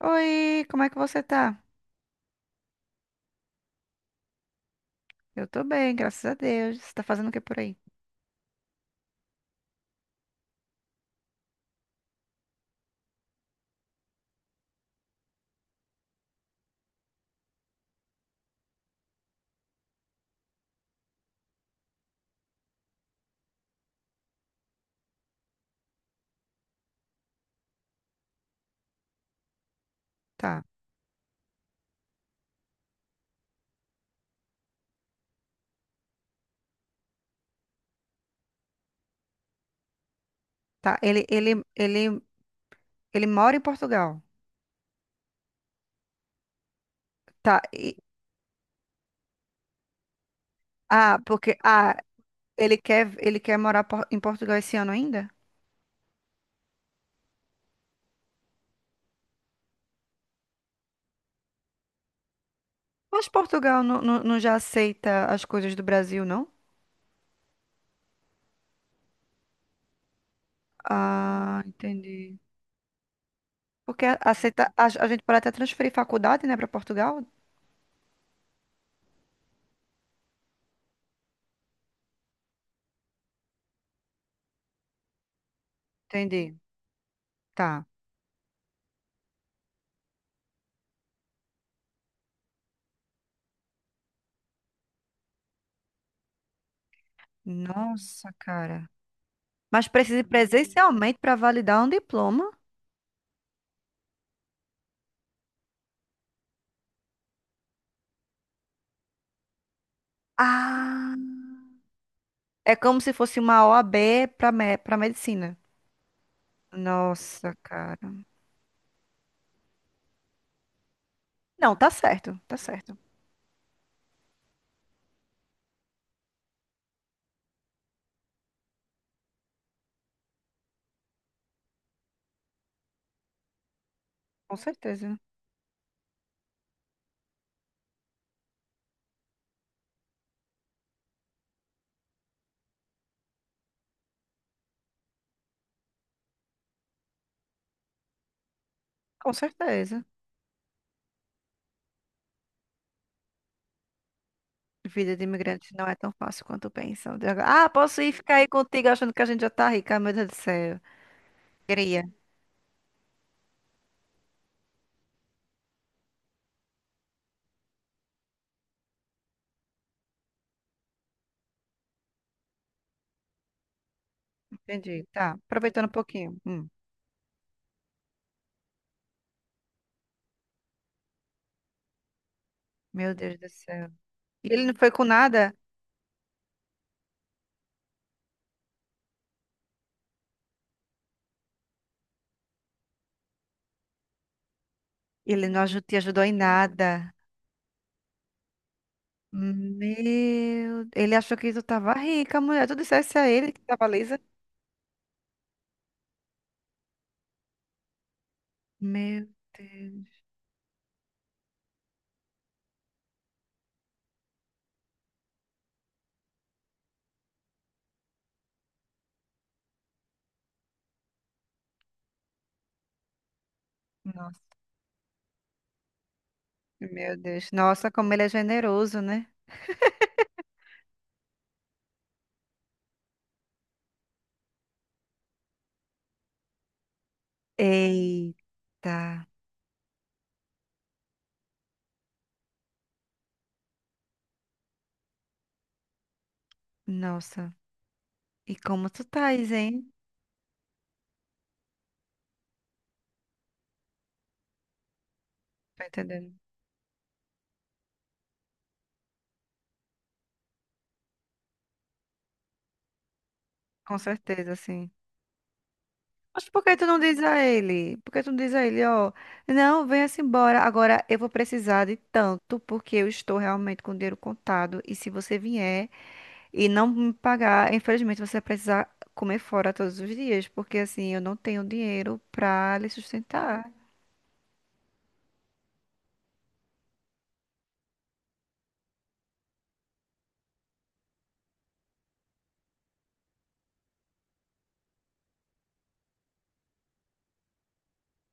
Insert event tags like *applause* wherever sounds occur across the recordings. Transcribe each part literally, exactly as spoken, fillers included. Oi, como é que você tá? Eu tô bem, graças a Deus. Você tá fazendo o que por aí? Tá, tá. Ele, ele, ele, ele mora em Portugal. Tá. e- ah, porque ah, ele quer, ele quer morar por- em Portugal esse ano ainda? Mas Portugal não, não, não já aceita as coisas do Brasil, não? Ah, entendi. Porque a- aceita, a, a gente pode até transferir faculdade, né, para Portugal? Entendi. Tá. Nossa, cara. Mas precisa ir presencialmente para validar um diploma? Ah. É como se fosse uma OAB para me para medicina. Nossa, cara. Não, tá certo, tá certo. Com certeza, com certeza. Vida de imigrante não é tão fácil quanto pensam. De- Ah, posso ir ficar aí contigo achando que a gente já tá rica, meu Deus do céu. Queria, entendi. Tá, aproveitando um pouquinho. Hum, meu Deus do céu. E ele não foi com nada? Ele não aju- Te ajudou em nada. Meu, ele achou que tu tava rica, mulher. Tu dissesse a ele que tava lisa? Meu Deus. Meu Deus. Nossa, como ele é generoso, né? Eita. Nossa. E como tu estás, hein? Tá entendendo? Com certeza, sim. Mas por que tu não diz a ele? Por que tu não diz a ele, ó, não, venha-se embora. Agora eu vou precisar de tanto, porque eu estou realmente com o dinheiro contado. E se você vier e não me pagar, infelizmente você vai precisar comer fora todos os dias, porque assim eu não tenho dinheiro pra lhe sustentar.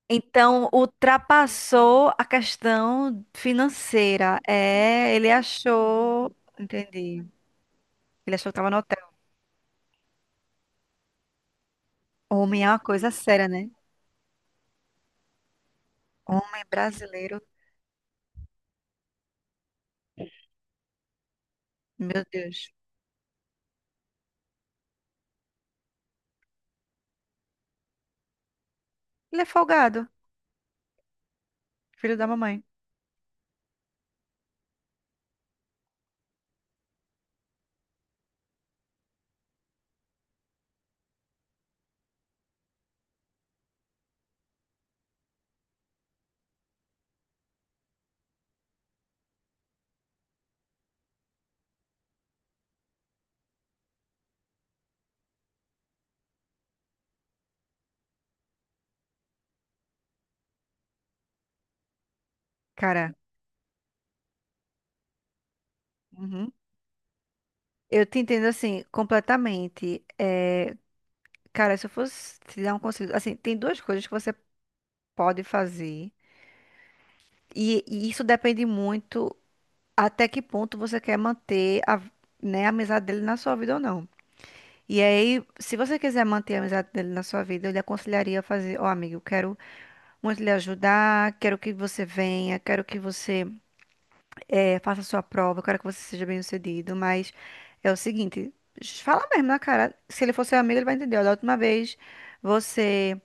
Então, ultrapassou a questão financeira. É, ele achou. Entendi. Ele achou que estava no hotel. Homem é uma coisa séria, né? Homem brasileiro, meu Deus. Ele é folgado, filho da mamãe. Cara, uhum. Eu te entendo assim, completamente. É, cara, se eu fosse te dar um conselho. Assim, tem duas coisas que você pode fazer. E, e isso depende muito até que ponto você quer manter a, né, a amizade dele na sua vida ou não. E aí, se você quiser manter a amizade dele na sua vida, eu lhe aconselharia a fazer, ó, amigo, eu quero muito lhe ajudar, quero que você venha, quero que você eh, faça a sua prova, eu quero que você seja bem-sucedido, mas é o seguinte, fala mesmo na cara, se ele for seu amigo, ele vai entender, ó, da última vez você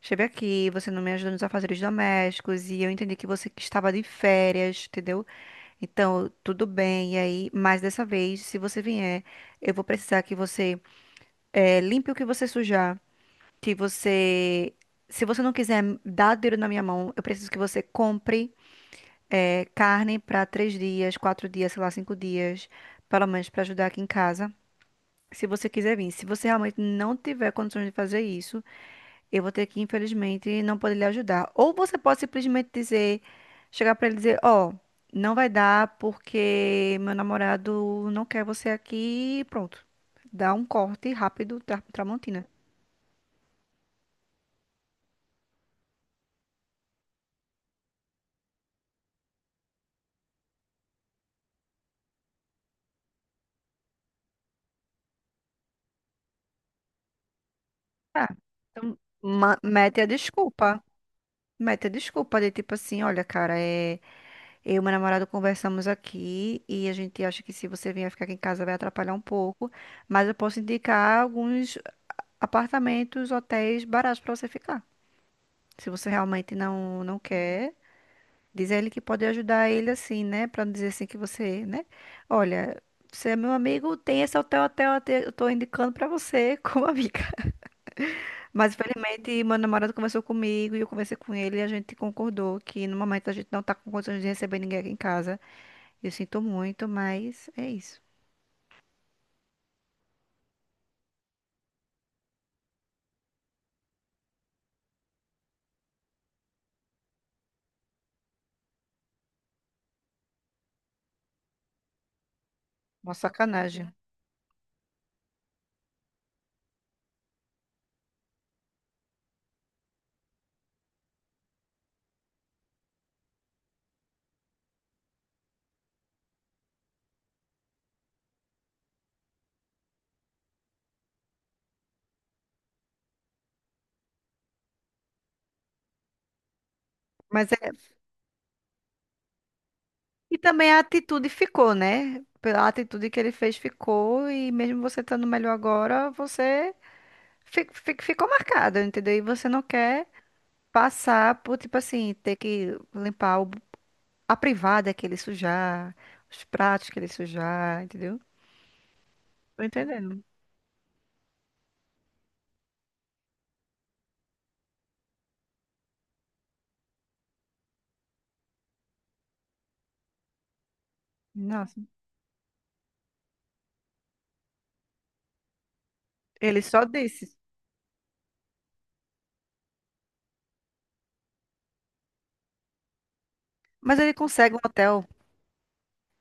esteve aqui, você não me ajudou nos afazeres domésticos, e eu entendi que você que estava de férias, entendeu? Então, tudo bem, e aí, mas dessa vez, se você vier, eu vou precisar que você eh, limpe o que você sujar, que você, se você não quiser dar dinheiro na minha mão, eu preciso que você compre eh, carne para três dias, quatro dias, sei lá, cinco dias, pelo menos para ajudar aqui em casa. Se você quiser vir, se você realmente não tiver condições de fazer isso, eu vou ter que, infelizmente, não poder lhe ajudar. Ou você pode simplesmente dizer, chegar para ele e dizer, ó, não vai dar porque meu namorado não quer você aqui, e pronto. Dá um corte rápido, tra- Tramontina. Ah, então, ma- mete a desculpa. Mete a desculpa de tipo assim, olha, cara, é, eu e meu namorado conversamos aqui e a gente acha que se você vier ficar aqui em casa vai atrapalhar um pouco, mas eu posso indicar alguns apartamentos, hotéis baratos pra você ficar. Se você realmente não não quer, diz a ele que pode ajudar ele assim, né, pra não dizer assim que você, né? Olha, você é meu amigo, tem esse hotel, hotel, hotel, eu tô indicando pra você *laughs* como amiga. Mas infelizmente meu namorado conversou comigo e eu conversei com ele e a gente concordou que no momento a gente não tá com condições de receber ninguém aqui em casa. Eu sinto muito, mas é isso. Uma sacanagem. Mas é. E também a atitude ficou, né? Pela atitude que ele fez ficou e mesmo você estando melhor agora, você fi- fi- ficou marcada, entendeu? E você não quer passar por, tipo assim, ter que limpar o- a privada que ele sujar, os pratos que ele sujar, entendeu? Tô entendendo. Nossa. Ele só disse. Mas ele consegue um hotel.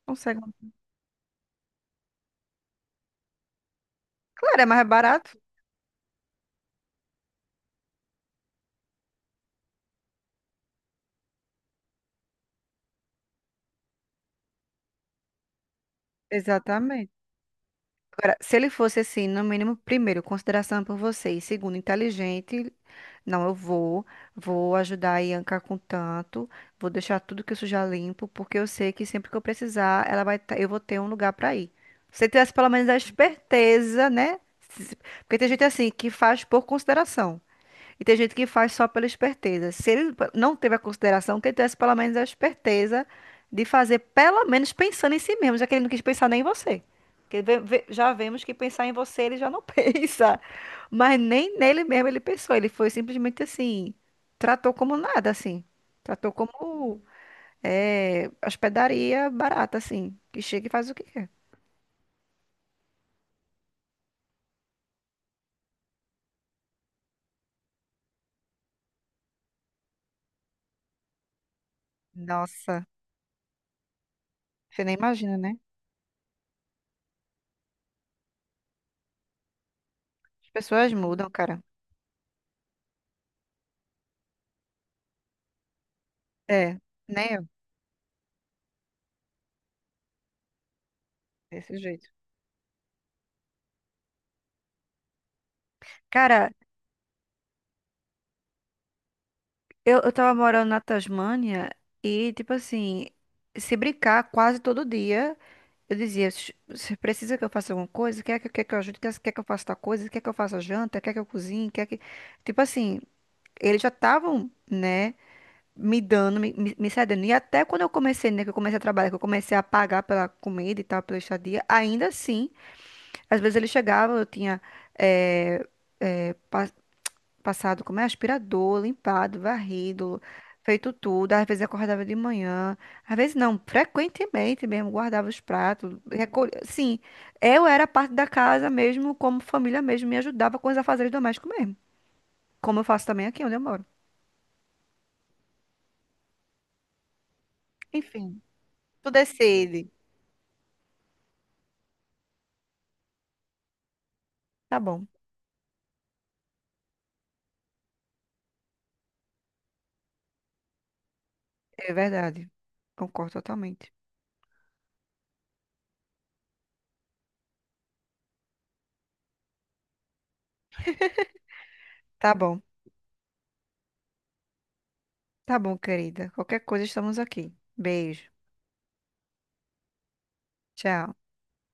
Consegue. um- Claro, é mais barato. Exatamente. Agora, se ele fosse assim, no mínimo, primeiro, consideração por você, e segundo, inteligente, não, eu vou, vou ajudar a Ianca com tanto, vou deixar tudo que eu sujar limpo, porque eu sei que sempre que eu precisar, ela vai, tá- eu vou ter um lugar para ir. Se ele tivesse pelo menos a esperteza, né? Se- Porque tem gente assim que faz por consideração. E tem gente que faz só pela esperteza. Se ele p- Não teve a consideração, que ele tivesse pelo menos a esperteza de fazer, pelo menos pensando em si mesmo, já que ele não quis pensar nem em você. Porque ve- ve- já vemos que pensar em você ele já não *laughs* pensa. Mas nem nele mesmo ele pensou. Ele foi simplesmente assim, tratou como nada, assim. Tratou como é, hospedaria barata, assim. Que chega e faz o que quer. Nossa, você nem imagina, né? As pessoas mudam, cara. É, nem eu, desse jeito. Cara, Eu, eu tava morando na Tasmânia e, tipo assim, se brincar quase todo dia, eu dizia, "Sh- você precisa que eu faça alguma coisa? Quer que, quer que eu ajude? Quer, quer que eu faça tal coisa? Quer que eu faça janta? Quer que eu cozinhe? Quer que... Tipo assim, eles já estavam, né, me dando, me, me me cedendo. E até quando eu comecei, né, que eu comecei a trabalhar, que eu comecei a pagar pela comida e tal, pela estadia, ainda assim, às vezes eles chegavam, eu tinha... eh, passado como é aspirador, limpado, varrido, feito tudo. Às vezes acordava de manhã, às vezes não, frequentemente mesmo, guardava os pratos, recolhia. Sim, eu era parte da casa mesmo, como família mesmo, me ajudava com os afazeres domésticos mesmo. Como eu faço também aqui onde eu moro. Enfim, tudo é ele. Tá bom, é verdade. Concordo totalmente. Tá bom, tá bom, querida. Qualquer coisa, estamos aqui. Beijo. Tchau.